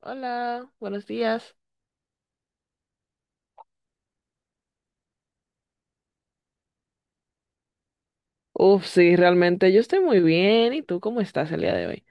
Hola, buenos días. Sí, realmente yo estoy muy bien. ¿Y tú cómo estás el día de hoy?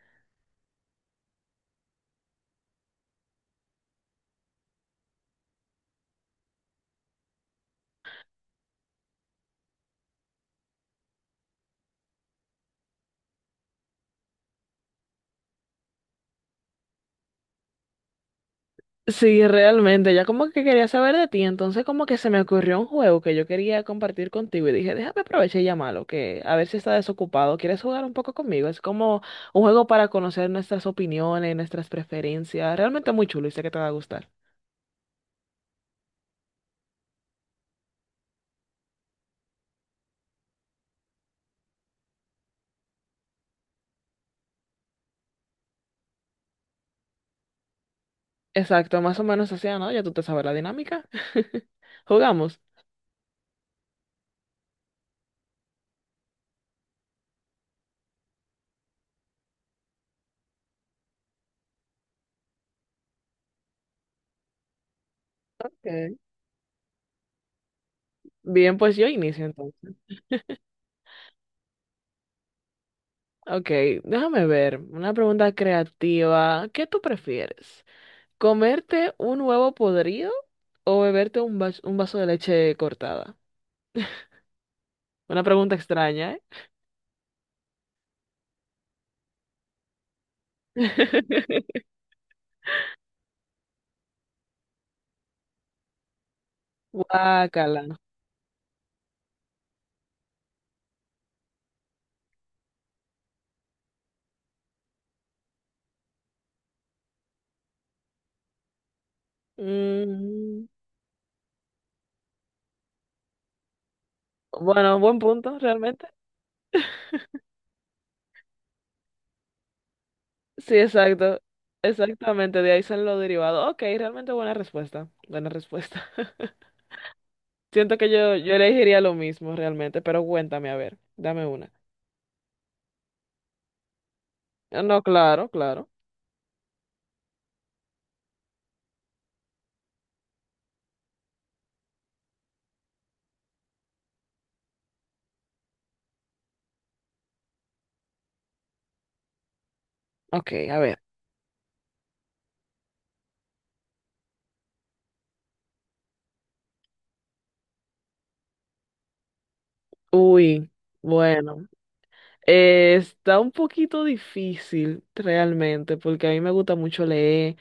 Sí, realmente, ya como que quería saber de ti, entonces como que se me ocurrió un juego que yo quería compartir contigo y dije, déjame aprovechar y llamarlo, que a ver si está desocupado. ¿Quieres jugar un poco conmigo? Es como un juego para conocer nuestras opiniones, nuestras preferencias. Realmente muy chulo y sé que te va a gustar. Exacto, más o menos así, ¿no? Ya tú te sabes la dinámica. Jugamos. Ok. Bien, pues yo inicio entonces. Ok, déjame ver. Una pregunta creativa. ¿Qué tú prefieres? ¿Comerte un huevo podrido o beberte un vaso de leche cortada? Una pregunta extraña, ¿eh? Guácala. Mm, bueno, buen punto, realmente. Sí, exacto. Exactamente, de ahí salen los derivados. Ok, realmente buena respuesta. Buena respuesta. Siento que yo elegiría lo mismo realmente, pero cuéntame, a ver, dame una. Ah, no, claro, claro. Ok, a ver. Uy, bueno. Está un poquito difícil realmente, porque a mí me gusta mucho leer,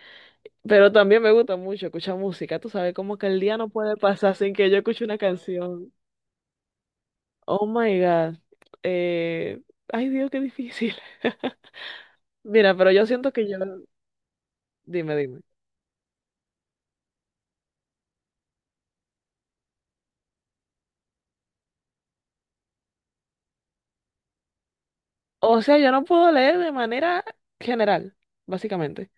pero también me gusta mucho escuchar música. Tú sabes, como que el día no puede pasar sin que yo escuche una canción. Oh my God. Eh, ay, Dios, qué difícil. Mira, pero yo siento que yo... Dime, dime. O sea, yo no puedo leer de manera general, básicamente.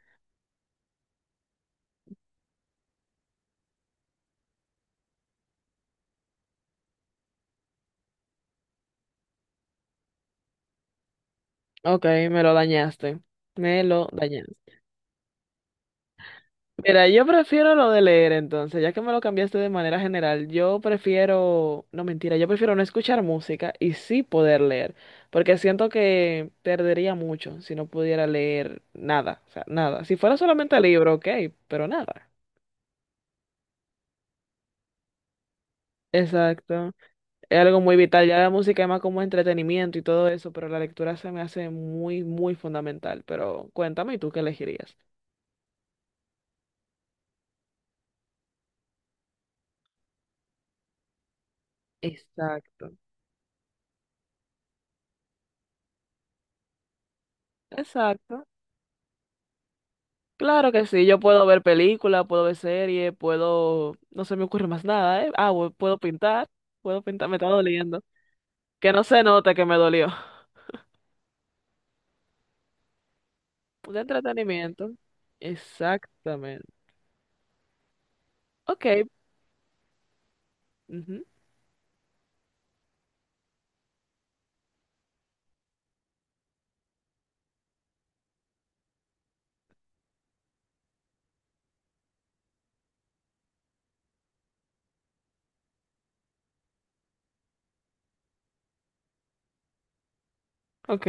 Ok, me lo dañaste. Me lo dañaste. Mira, yo prefiero lo de leer entonces, ya que me lo cambiaste de manera general. Yo prefiero, no mentira, yo prefiero no escuchar música y sí poder leer, porque siento que perdería mucho si no pudiera leer nada, o sea, nada. Si fuera solamente libro, ok, pero nada. Exacto. Es algo muy vital. Ya la música es más como entretenimiento y todo eso, pero la lectura se me hace muy, muy fundamental. Pero cuéntame, ¿y tú qué elegirías? Exacto. Exacto. Claro que sí, yo puedo ver películas, puedo ver series, puedo... No se me ocurre más nada, ¿eh? Puedo pintar, me está doliendo. Que no se note que me dolió. De entretenimiento. Exactamente. Ok. Ujú. Ok.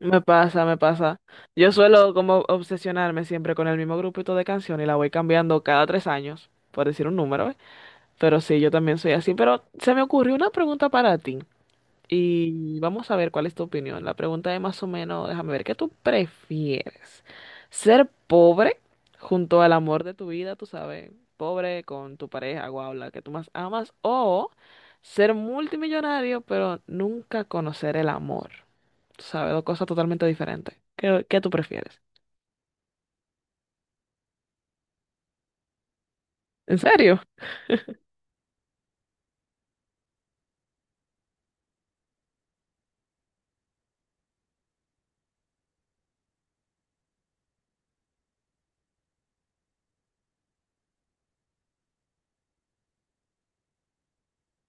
Me pasa, me pasa. Yo suelo como obsesionarme siempre con el mismo grupito de canciones y la voy cambiando cada tres años, por decir un número, ¿eh? Pero sí, yo también soy así. Pero se me ocurrió una pregunta para ti. Y vamos a ver cuál es tu opinión. La pregunta es más o menos, déjame ver, ¿qué tú prefieres? ¿Ser pobre junto al amor de tu vida, tú sabes? Pobre con tu pareja, guau, la que tú más amas, o ser multimillonario, pero nunca conocer el amor. Tú sabes, dos cosas totalmente diferentes. ¿Qué, qué tú prefieres? ¿En serio?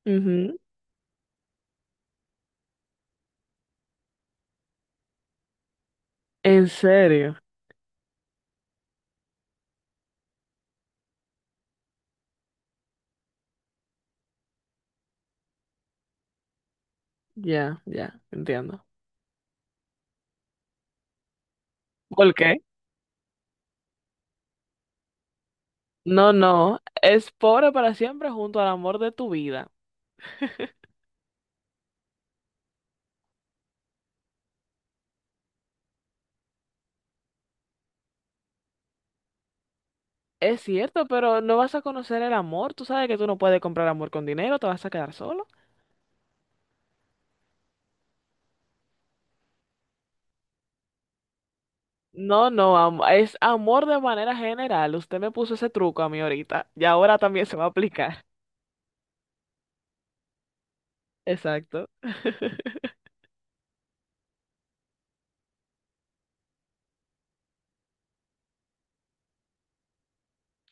Ujú. ¿En serio? Ya, ya, entiendo. ¿Por qué? No, no, es pobre para siempre junto al amor de tu vida. Es cierto, pero no vas a conocer el amor. Tú sabes que tú no puedes comprar amor con dinero, te vas a quedar solo. No, no, es amor de manera general. Usted me puso ese truco a mí ahorita y ahora también se va a aplicar. Exacto.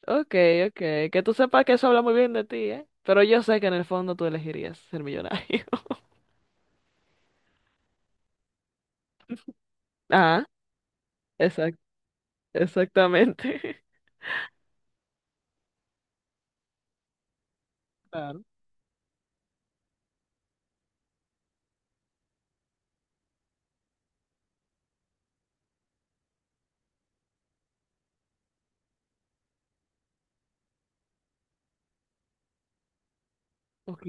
Ok, ok. Que tú sepas que eso habla muy bien de ti, ¿eh? Pero yo sé que en el fondo tú elegirías ser millonario. Ah, exact exactamente. Claro. Ok,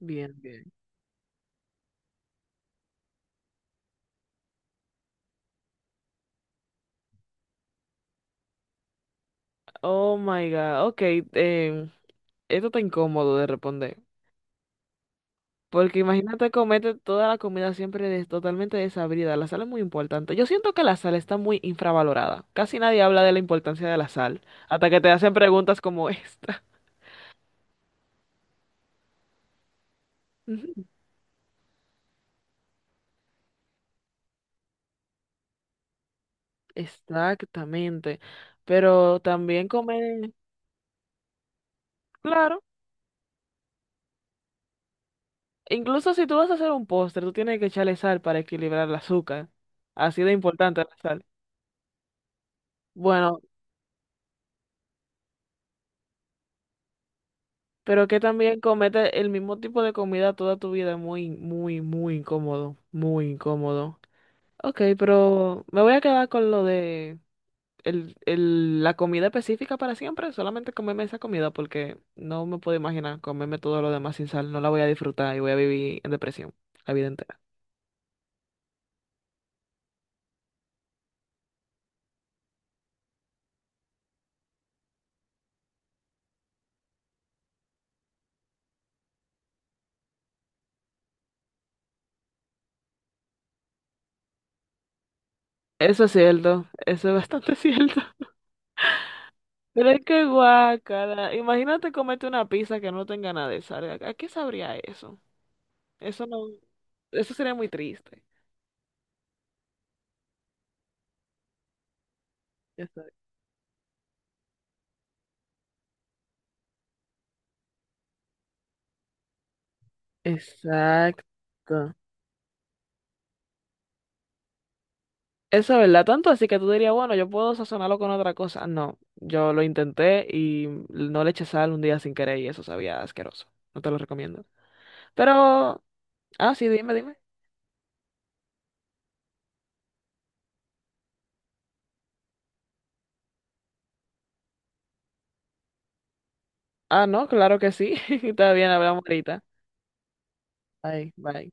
bien, bien. Oh my God. Ok, em, esto está incómodo de responder. Porque imagínate comerte toda la comida siempre totalmente desabrida. La sal es muy importante. Yo siento que la sal está muy infravalorada. Casi nadie habla de la importancia de la sal, hasta que te hacen preguntas como esta. Ujú. Exactamente. Pero también comer, claro. Incluso si tú vas a hacer un postre, tú tienes que echarle sal para equilibrar el azúcar. Así de importante la sal. Bueno, pero que también comete el mismo tipo de comida toda tu vida es muy, muy, muy incómodo. Muy incómodo. Ok, pero me voy a quedar con lo de la comida específica para siempre, solamente comerme esa comida porque no me puedo imaginar comerme todo lo demás sin sal, no la voy a disfrutar y voy a vivir en depresión la vida entera. Eso es cierto, eso es bastante cierto. Pero es que guácala. Imagínate comerte una pizza que no tenga nada de sal. ¿A qué sabría eso? Eso no, eso sería muy triste. Esa- Exacto. Eso es verdad, tanto así que tú dirías, bueno, yo puedo sazonarlo con otra cosa. No, yo lo intenté y no le eché sal un día sin querer y eso sabía asqueroso. No te lo recomiendo. Pero, ah, sí, dime, dime. Ah, no, claro que sí. Está bien, hablamos ahorita. Bye, bye.